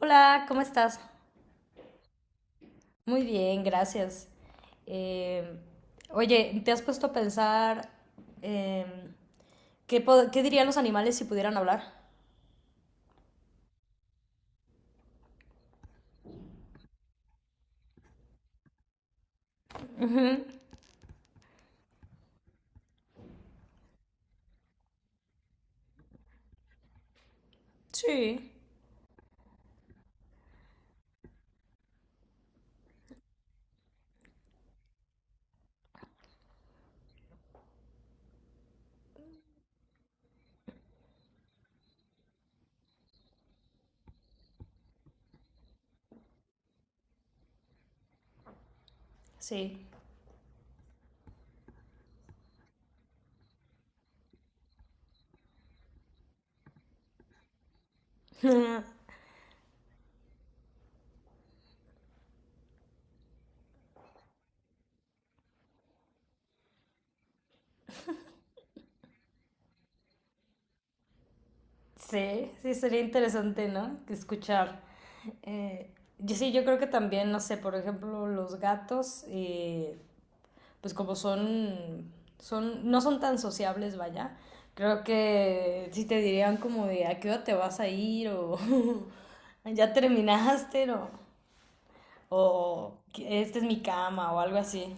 Hola, ¿cómo estás? Muy bien, gracias. Eh, oye, ¿te has puesto a pensar em, qué dirían los animales si pudieran hablar? Sí. Sí. Sí, sí, sería interesante, ¿no? Que Escuchar. Eh, yo sí, yo creo que también, no sé, por ejemplo, los gatos, pues como son, no son tan sociables, vaya, creo que sí te dirían como de a qué hora te vas a ir o ya terminaste o esta es mi cama o algo así.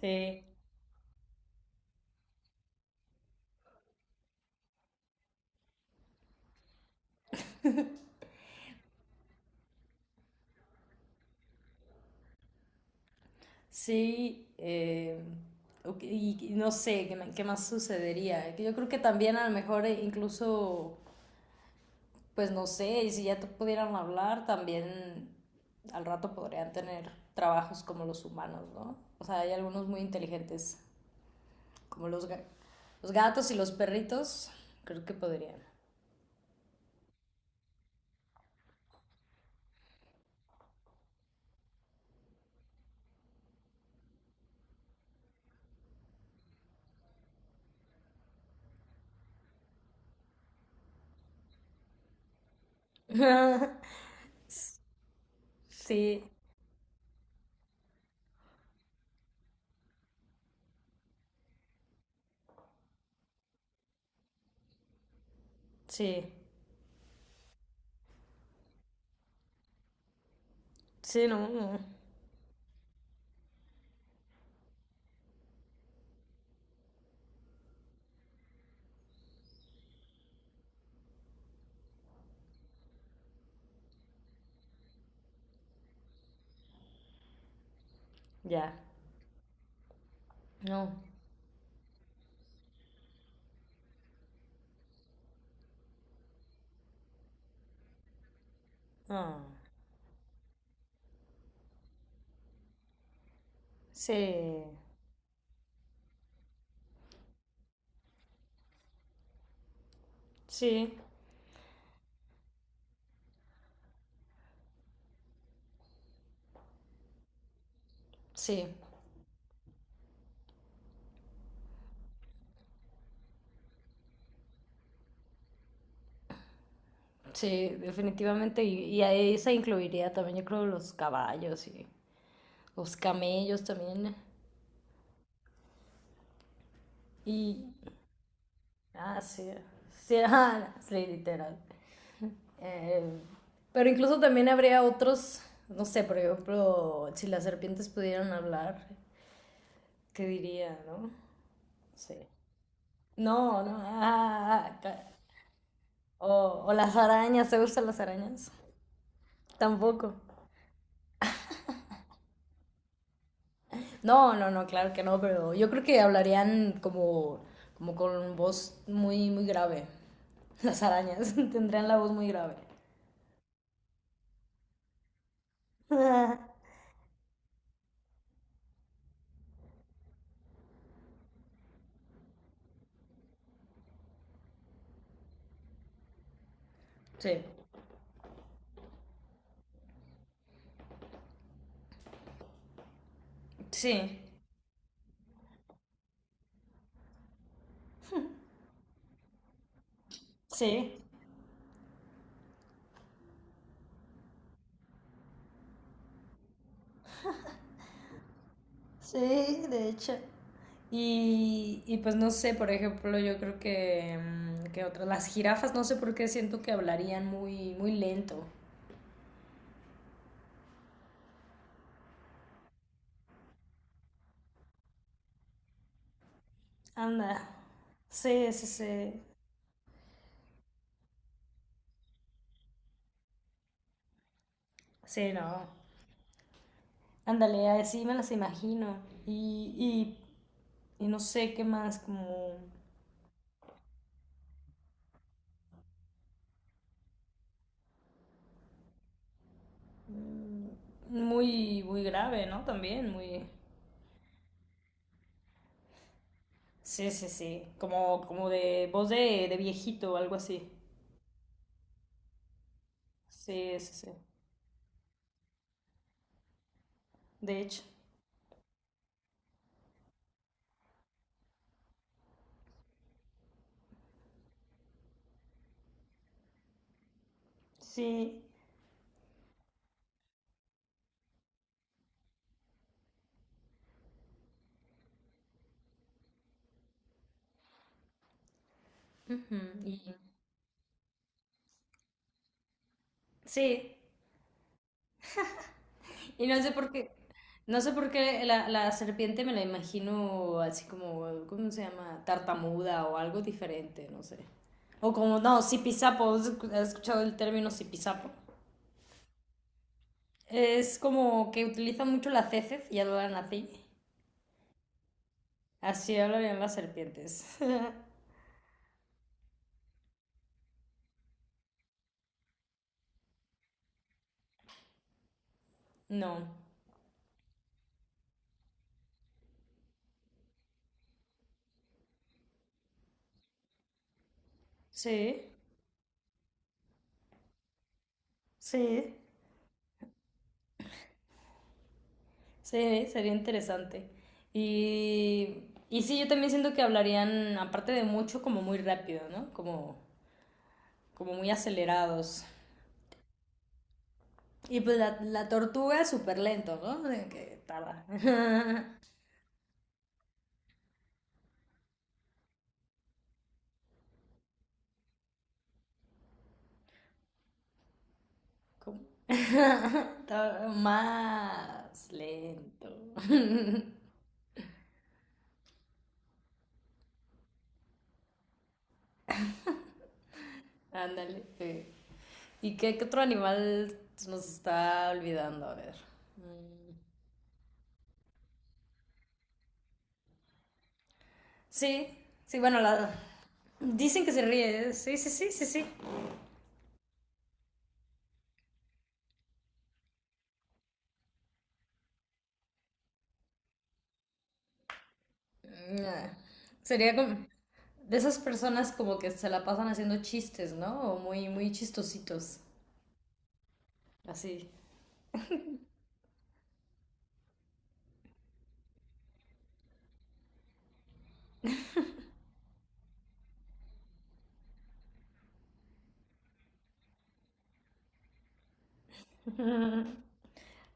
Sí, sí, ok, y no sé qué más sucedería. Que Yo creo que también a lo mejor incluso pues no sé, y si ya te pudieran hablar, también al rato podrían tener trabajos como los humanos, ¿no? O sea, hay algunos muy inteligentes, como los gatos y los perritos, creo que podrían. Sí, sí, sí, no, no. Ya, no. Ah, sí, sí, sí, sí, definitivamente. Y a esa incluiría también, yo creo, los caballos y los camellos también. Y, ah, sí. Sí, ah, sí, literal. Eh, pero incluso también habría otros, no sé, por ejemplo, si las serpientes pudieran hablar, ¿qué diría, no? Sí. No, no. O las arañas, ¿te gustan las arañas? Tampoco. No, no, no, claro que no, pero yo creo que hablarían como, como con voz muy, muy grave. Las arañas tendrían la voz muy grave. Sí. Sí. Sí. Sí, de hecho. Y pues no sé, por ejemplo, yo creo que, que otras, las jirafas, no sé por qué siento que hablarían muy, muy lento. Anda. Sí, sí, sí. Sí, no. Ándale, así me las imagino. Y, y no sé qué más, como muy, muy grave, ¿no? También, muy... Sí, sí, sí. Como, como de voz de viejito o algo así. Sí, sí, sí. De hecho. Sí. Ujú, y- sí, y no sé por qué, no sé por qué la, la serpiente me la imagino así como, ¿cómo se llama? Tartamuda o algo diferente, no sé. O como, no, sipisapo, ¿has escuchado el término sipisapo? Es como que utilizan mucho las heces y hablan así. Así hablan las serpientes. No. Sí, sí. Sí, sería interesante. Y, y sí, yo también siento que hablarían, aparte de mucho, como muy rápido, ¿no? Como, como muy acelerados. Y pues la tortuga es súper lento, ¿no? De Que tarda. Como- Más lento. Ándale. Sí. ¿Y qué, qué otro animal se nos está olvidando? A ver. Mm, sí, sí, bueno, la... dicen que se ríe. ¿Eh? Sí, sí, sí, sí, sí. Mm, nah. Sería como de esas personas como que se la pasan haciendo chistes, ¿no? O muy, muy chistositos. Así.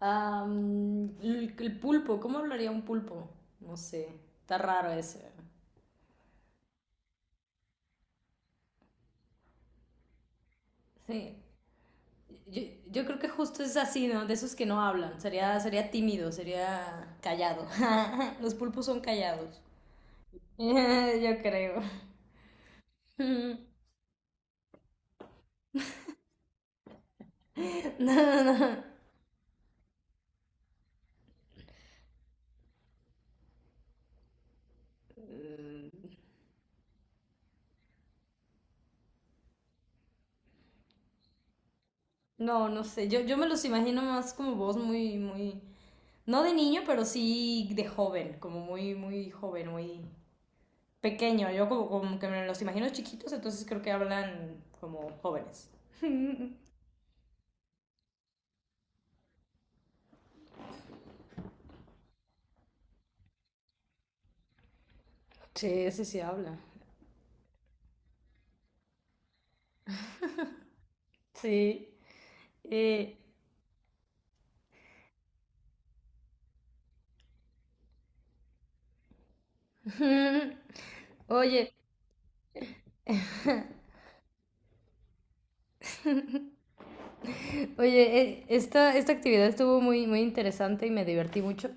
Ah, mm, el pulpo, ¿cómo hablaría un pulpo? No sé. Está raro ese. Sí. Yo, yo creo que justo es así, ¿no? De esos que no hablan. Sería, sería tímido, sería callado. Los pulpos son callados. Yo creo. Mm, no, no, no. No, no sé. Yo me los imagino más como voz muy, muy. No de niño, pero sí de joven, como muy, muy joven, muy pequeño. Yo como, como que me los imagino chiquitos, entonces creo que hablan como jóvenes. Sí, ese sí habla. Sí. Eh, oye, esta, esta actividad estuvo muy, muy interesante y me divertí mucho.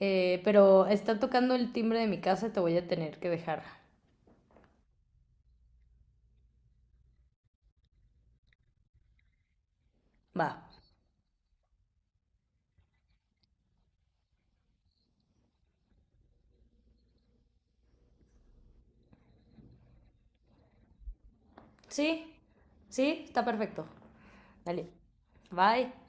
Pero está tocando el timbre de mi casa y te voy a tener que dejar. Va. Sí, sí, está perfecto. Dale. Bye.